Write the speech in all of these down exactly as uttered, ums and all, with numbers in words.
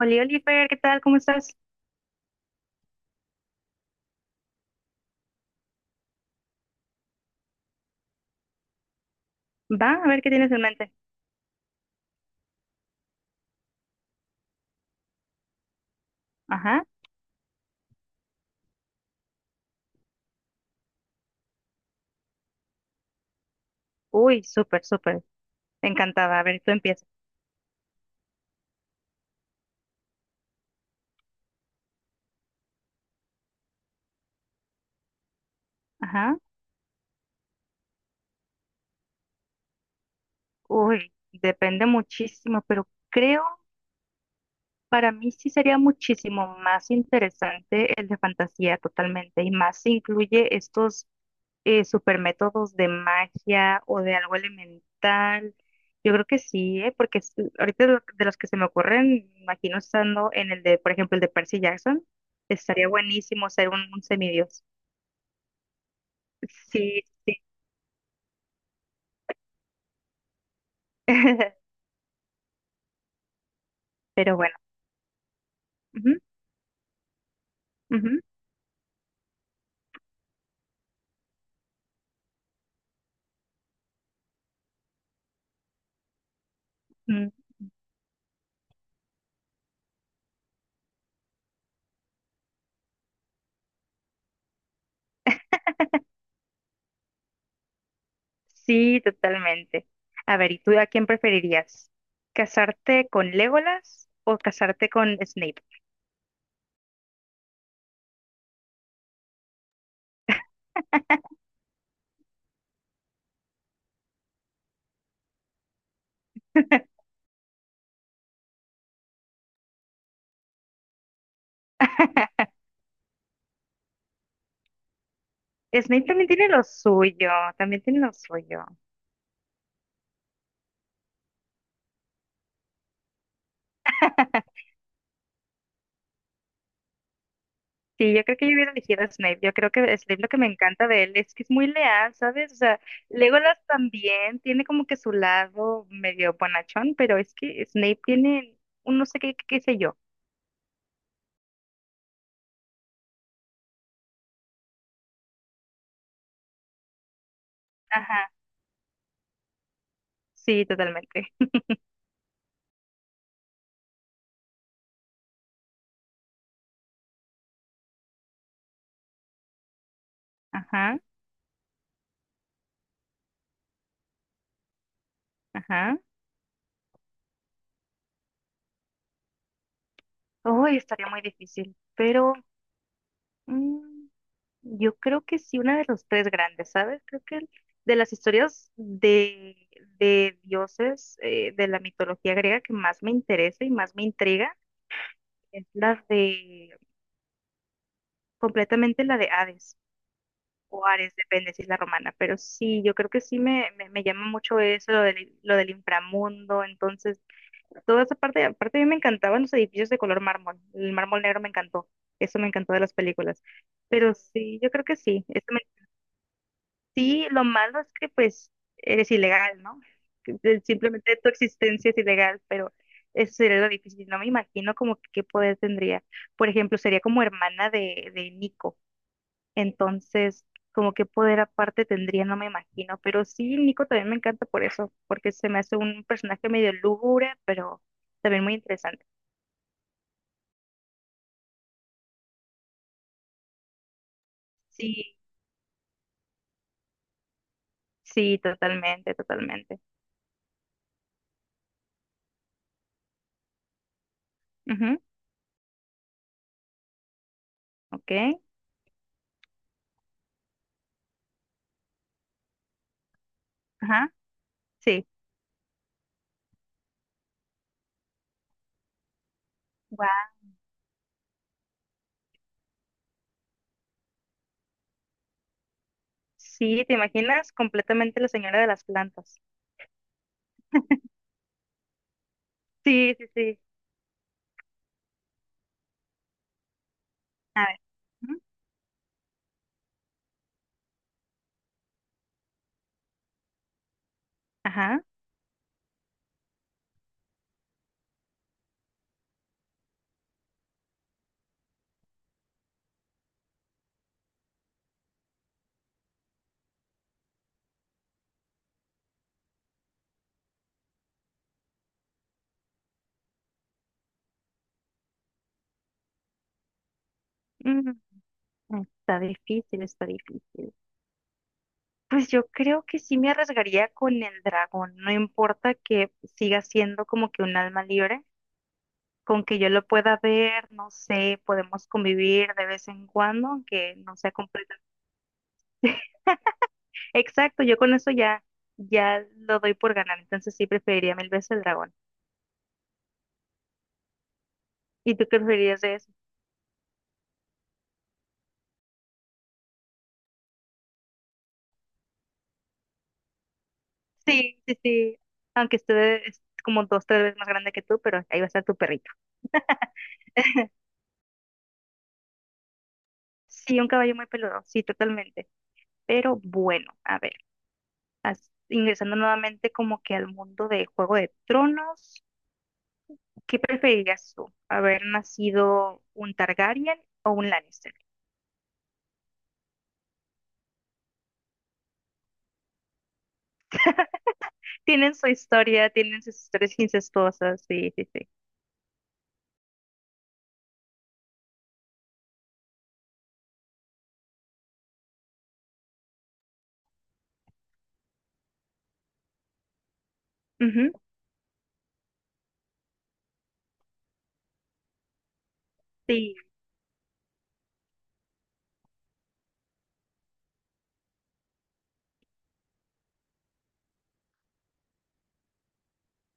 Oli, Oliver, ¿qué tal? ¿Cómo estás? Va, a ver qué tienes en mente. Ajá. Uy, súper, súper. Encantada. A ver, tú empieza. Ajá. Uy, depende muchísimo, pero creo para mí sí sería muchísimo más interesante el de fantasía totalmente. Y más si incluye estos eh, super métodos de magia o de algo elemental. Yo creo que sí, ¿eh? Porque es- ahorita de de los que se me ocurren, imagino estando en el de, por ejemplo, el de Percy Jackson, estaría buenísimo ser un un semidios. Sí, sí. Pero bueno. Ujú, ujú, mm. Sí, totalmente. A ver, ¿y tú a quién preferirías? ¿Casarte con Legolas o casarte con Snape? Snape también tiene lo suyo, también tiene lo suyo. Sí, yo creo que yo hubiera elegido a Snape. Yo creo que Snape lo que me encanta de él es que es muy leal, ¿sabes? O sea, Legolas también tiene como que su lado medio bonachón, pero es que Snape tiene un no sé qué, qué, qué sé yo. Sí, totalmente. Ajá, ajá. Uy, estaría muy difícil, pero mm, yo creo que sí, una de los tres grandes, ¿sabes? Creo que el- de las historias de, de dioses eh, de la mitología griega que más me interesa y más me intriga es la de, completamente la de Hades o Ares, depende si es la romana, pero sí, yo creo que sí me, me, me llama mucho eso, lo del, lo del inframundo. Entonces toda esa parte, aparte a mí me encantaban los edificios de color mármol, el mármol negro me encantó, eso me encantó de las películas, pero sí, yo creo que sí, eso me- sí, lo malo es que pues eres ilegal, ¿no? Que- que simplemente tu existencia es ilegal, pero eso sería lo difícil, no me imagino como que qué poder tendría, por ejemplo, sería como hermana de, de Nico, entonces. Como qué poder aparte tendría, no me imagino. Pero sí, Nico también me encanta por eso, porque se me hace un personaje medio lúgubre, pero también muy interesante. Sí, sí, totalmente, totalmente. Ujú. Ok. Ajá. Sí. Guau. Sí, ¿te imaginas? Completamente la señora de las plantas. Sí, sí, sí. A ver. Ujú. Ajá. Mm. Está difícil, está difícil. Pues yo creo que sí me arriesgaría con el dragón. No importa que siga siendo como que un alma libre, con que yo lo pueda ver, no sé, podemos convivir de vez en cuando, aunque no sea completamente. Exacto, yo con eso ya, ya lo doy por ganar, entonces sí preferiría mil veces el dragón. ¿Y tú qué preferirías de eso? Sí, sí, sí, aunque esté es como dos, tres veces más grande que tú, pero ahí va a estar tu perrito. Sí, un caballo muy peludo, sí, totalmente. Pero bueno, a ver, as- ingresando nuevamente como que al mundo de Juego de Tronos, ¿qué preferirías tú? ¿Haber nacido un Targaryen o un Lannister? Tienen su historia, tienen sus historias incestuosas, sí, sí, sí. Ujú. Sí.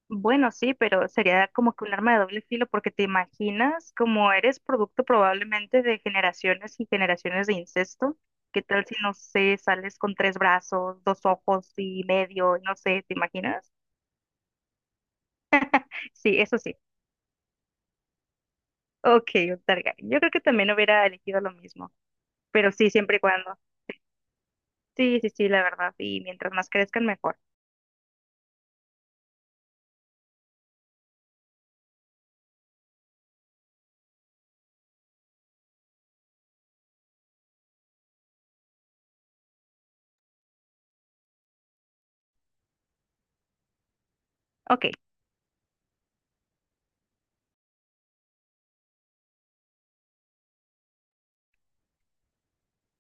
Bueno, sí, pero sería como que un arma de doble filo porque te imaginas como eres producto probablemente de generaciones y generaciones de incesto. ¿Qué tal si, no sé, sales con tres brazos, dos ojos y medio? No sé, ¿te imaginas? Sí, eso sí. Ok, un Targaryen. Yo creo que también hubiera elegido lo mismo, pero sí, siempre y cuando. Sí, sí, sí, la verdad. Y mientras más crezcan, mejor. Ok.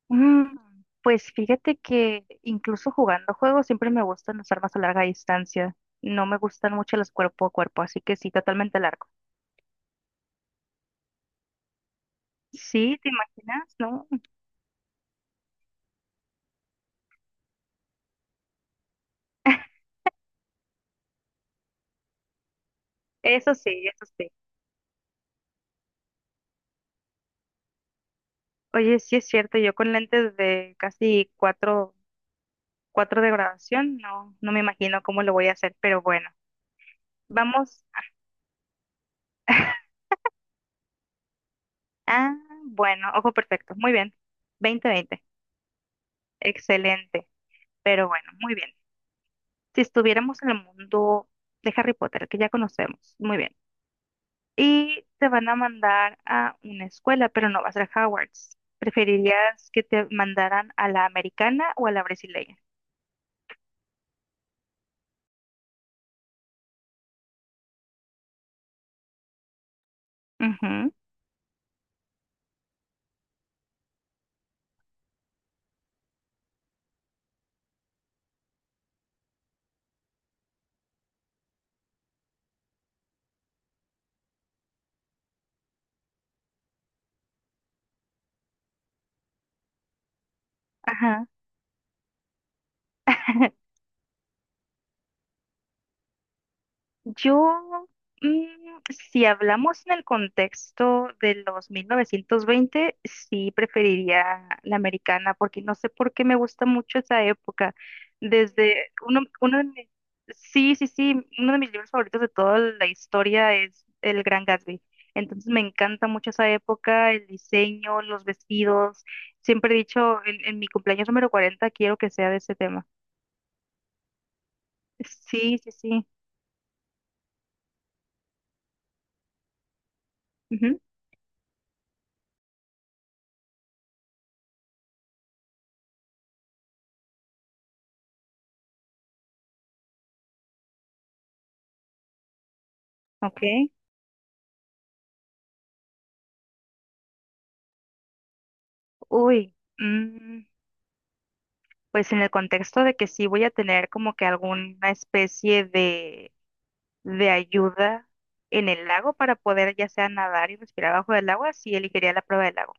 Mm. Pues fíjate que incluso jugando juegos siempre me gustan las armas a larga distancia. No me gustan mucho los cuerpo a cuerpo, así que sí, totalmente largo. Sí, ¿te imaginas? ¿No? Eso sí, eso sí. Oye, sí es cierto, yo con lentes de casi cuatro, cuatro de graduación, no, no me imagino cómo lo voy a hacer, pero bueno, vamos. Ah, bueno, ojo perfecto, muy bien. Veinte, veinte, excelente, pero bueno, muy bien. Si estuviéramos en el mundo de Harry Potter, que ya conocemos, muy bien. Y te van a mandar a una escuela, pero no va a ser Hogwarts. ¿Preferirías que te mandaran a la americana o a la brasileña? Ujú. Ajá. Yo, mm, si hablamos en el contexto de los mil novecientos veinte, sí preferiría la americana, porque no sé por qué me gusta mucho esa época. Desde uno, uno de mis, sí, sí, sí, uno de mis libros favoritos de toda la historia es El Gran Gatsby. Entonces me encanta mucho esa época, el diseño, los vestidos. Siempre he dicho, en, en mi cumpleaños número cuarenta quiero que sea de ese tema. Sí, sí, sí. Ujú. Ok. Uy. mm, pues en el contexto de que sí voy a tener como que alguna especie de, de ayuda en el lago para poder ya sea nadar y respirar bajo del agua, sí elegiría la prueba del lago,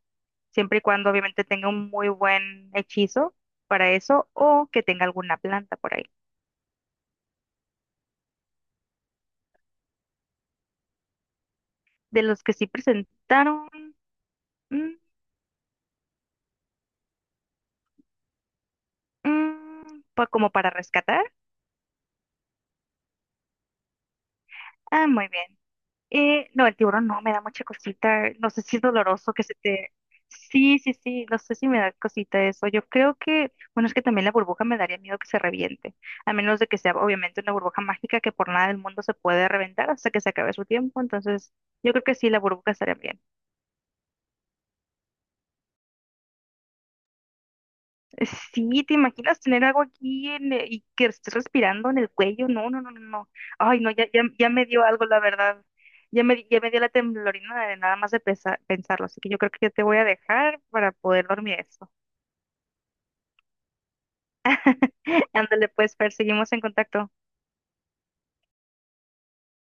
siempre y cuando obviamente tenga un muy buen hechizo para eso o que tenga alguna planta por ahí. De los que sí presentaron, mm, mm, pa- como para rescatar, ah, muy bien. Eh, no, el tiburón no, me da mucha cosita. No sé si es doloroso que se te. Sí, sí, sí, no sé si me da cosita eso. Yo creo que, bueno, es que también la burbuja me daría miedo que se reviente, a menos de que sea obviamente una burbuja mágica que por nada del mundo se puede reventar hasta que se acabe su tiempo. Entonces, yo creo que sí, la burbuja estaría bien. Sí, ¿te imaginas tener algo aquí en, eh, y que estés respirando en el cuello? No, no, no, no, no. Ay, no, ya, ya, ya me dio algo, la verdad. Ya me, di- ya me dio la temblorina de nada más de pesa- pensarlo, así que yo creo que ya te voy a dejar para poder dormir eso. Ándale, pues, Fer, seguimos en contacto.